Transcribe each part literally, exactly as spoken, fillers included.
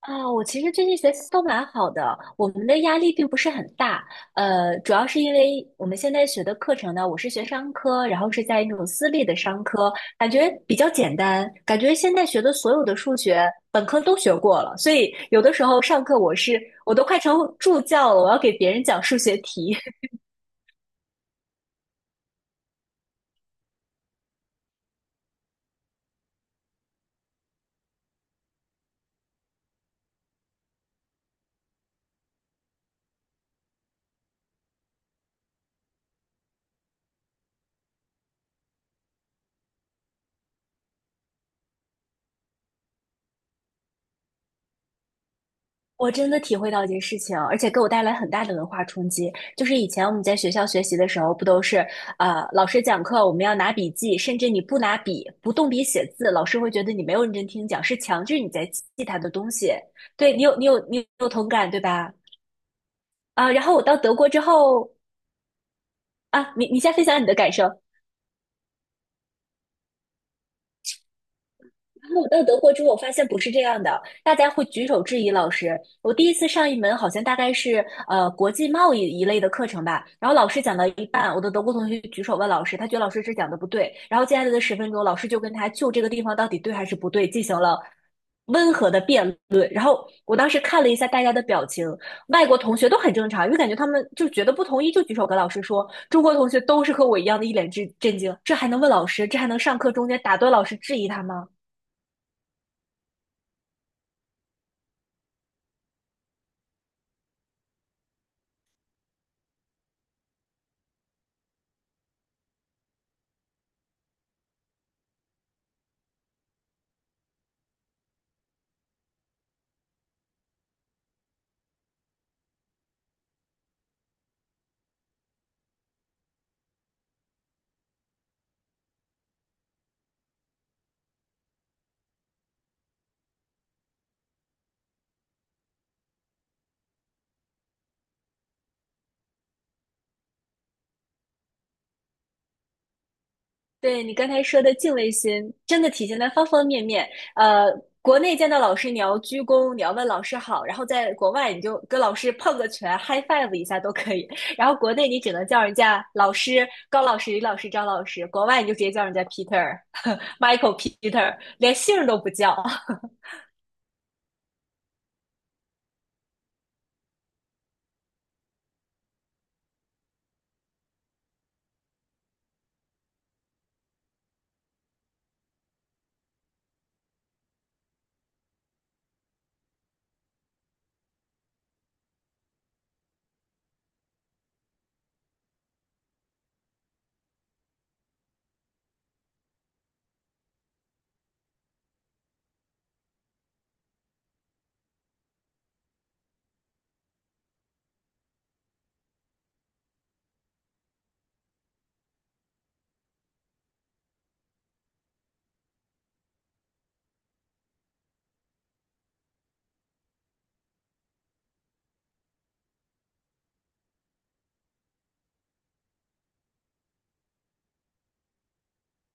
啊，我其实最近学习都蛮好的，我们的压力并不是很大。呃，主要是因为我们现在学的课程呢，我是学商科，然后是在那种私立的商科，感觉比较简单，感觉现在学的所有的数学本科都学过了，所以有的时候上课我是我都快成助教了，我要给别人讲数学题。我真的体会到一件事情，而且给我带来很大的文化冲击。就是以前我们在学校学习的时候，不都是呃，老师讲课我们要拿笔记，甚至你不拿笔、不动笔写字，老师会觉得你没有认真听讲，是强制你在记他的东西。对，你有你有你有同感对吧？啊，然后我到德国之后，啊，你你先分享你的感受。然后我到德国之后，我发现不是这样的，大家会举手质疑老师。我第一次上一门好像大概是呃国际贸易一类的课程吧，然后老师讲到一半，我的德国同学举手问老师，他觉得老师这讲的不对，然后接下来的十分钟，老师就跟他就这个地方到底对还是不对进行了温和的辩论。然后我当时看了一下大家的表情，外国同学都很正常，因为感觉他们就觉得不同意就举手跟老师说，中国同学都是和我一样的一脸震震惊，这还能问老师？这还能上课中间打断老师质疑他吗？对，你刚才说的敬畏心，真的体现在方方面面。呃，国内见到老师你要鞠躬，你要问老师好，然后在国外你就跟老师碰个拳，嗨 five 一下都可以。然后国内你只能叫人家老师、高老师、李老师、张老师，国外你就直接叫人家 Peter、Michael、Peter,连姓儿都不叫。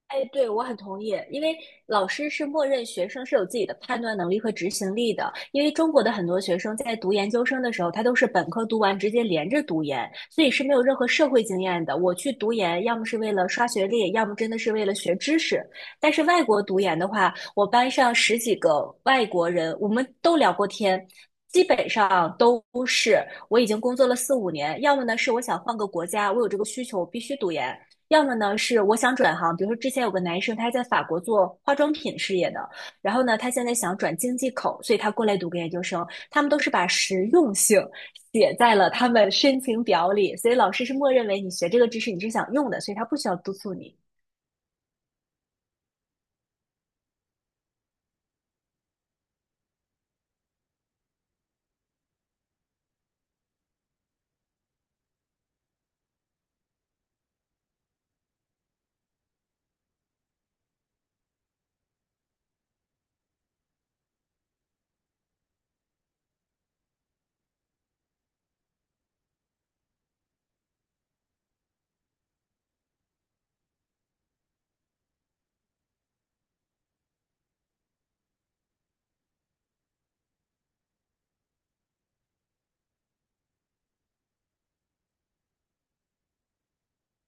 哎，对，我很同意，因为老师是默认学生是有自己的判断能力和执行力的。因为中国的很多学生在读研究生的时候，他都是本科读完直接连着读研，所以是没有任何社会经验的。我去读研，要么是为了刷学历，要么真的是为了学知识。但是外国读研的话，我班上十几个外国人，我们都聊过天。基本上都是我已经工作了四五年，要么呢是我想换个国家，我有这个需求，我必须读研；要么呢是我想转行，比如说之前有个男生他是在法国做化妆品事业的，然后呢他现在想转经济口，所以他过来读个研究生。他们都是把实用性写在了他们申请表里，所以老师是默认为你学这个知识你是想用的，所以他不需要督促你。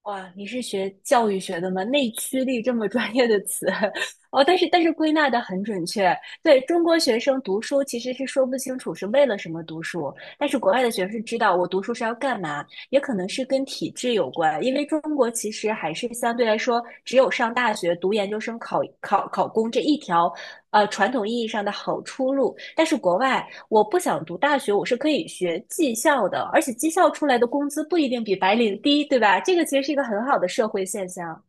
哇，你是学教育学的吗？内驱力这么专业的词，哦，但是但是归纳的很准确。对，中国学生读书其实是说不清楚是为了什么读书，但是国外的学生是知道我读书是要干嘛，也可能是跟体制有关，因为中国其实还是相对来说只有上大学、读研究生、考考考公这一条呃传统意义上的好出路。但是国外，我不想读大学，我是可以学技校的，而且技校出来的工资不一定比白领低，对吧？这个其实是一个很好的社会现象。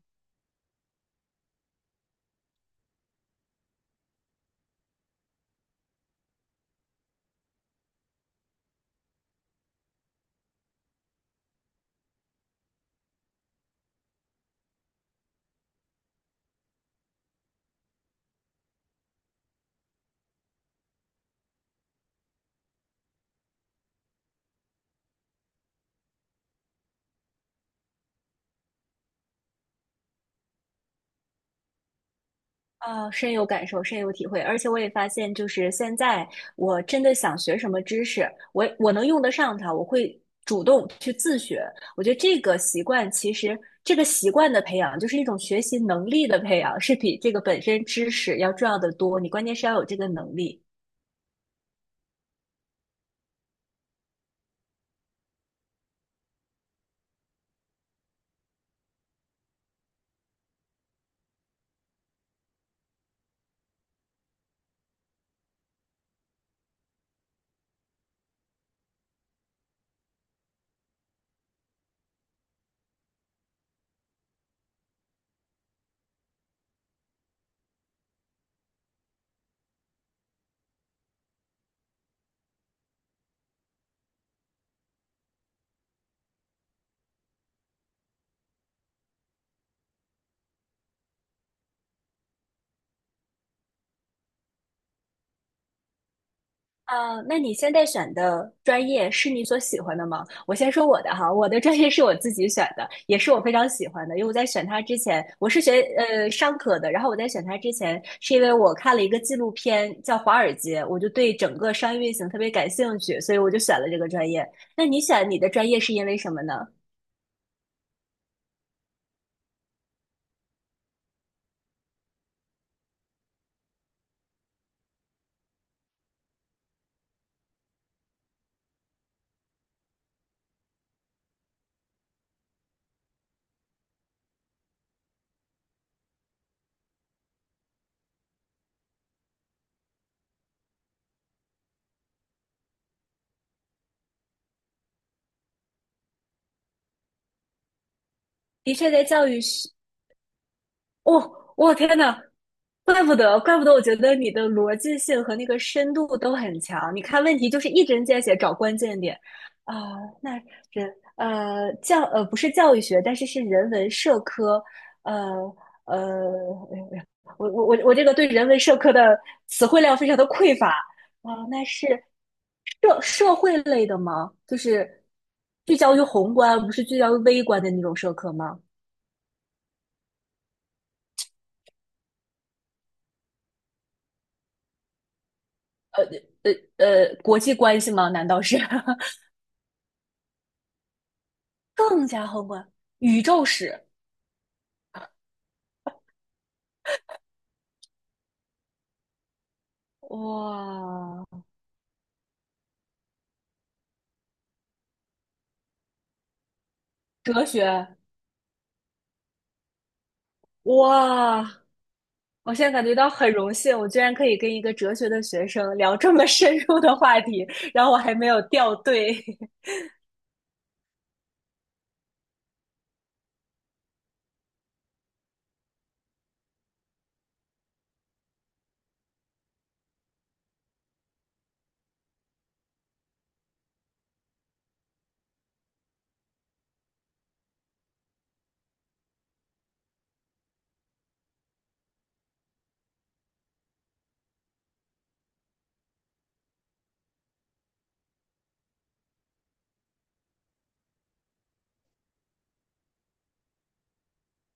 啊，深有感受，深有体会，而且我也发现，就是现在我真的想学什么知识，我我能用得上它，我会主动去自学。我觉得这个习惯，其实这个习惯的培养，就是一种学习能力的培养，是比这个本身知识要重要的多。你关键是要有这个能力。啊，那你现在选的专业是你所喜欢的吗？我先说我的哈，我的专业是我自己选的，也是我非常喜欢的。因为我在选它之前，我是学呃商科的，然后我在选它之前，是因为我看了一个纪录片叫《华尔街》，我就对整个商业运行特别感兴趣，所以我就选了这个专业。那你选你的专业是因为什么呢？的确，在教育学。哦，我天呐，怪不得，怪不得，我觉得你的逻辑性和那个深度都很强。你看问题就是一针见血，找关键点啊、那人呃教呃不是教育学，但是是人文社科，呃呃，哎呦哎呦，我我我我这个对人文社科的词汇量非常的匮乏。啊、那是社社会类的吗？就是聚焦于宏观，不是聚焦于微观的那种社科吗？呃呃，国际关系吗？难道是？更加宏观，宇宙史，哇，哲学，哇，我现在感觉到很荣幸，我居然可以跟一个哲学的学生聊这么深入的话题，然后我还没有掉队。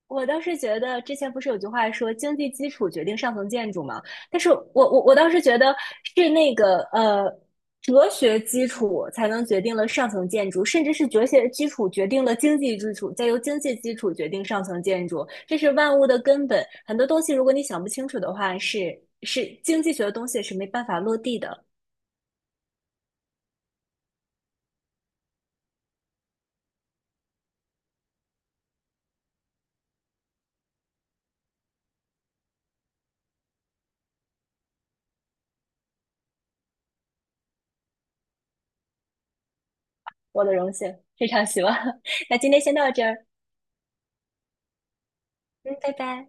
我倒是觉得，之前不是有句话说"经济基础决定上层建筑"嘛？但是我我我倒是觉得是那个呃，哲学基础才能决定了上层建筑，甚至是哲学基础决定了经济基础，再由经济基础决定上层建筑，这是万物的根本。很多东西，如果你想不清楚的话，是是经济学的东西是没办法落地的。我的荣幸，非常希望。那今天先到这儿，嗯，拜拜。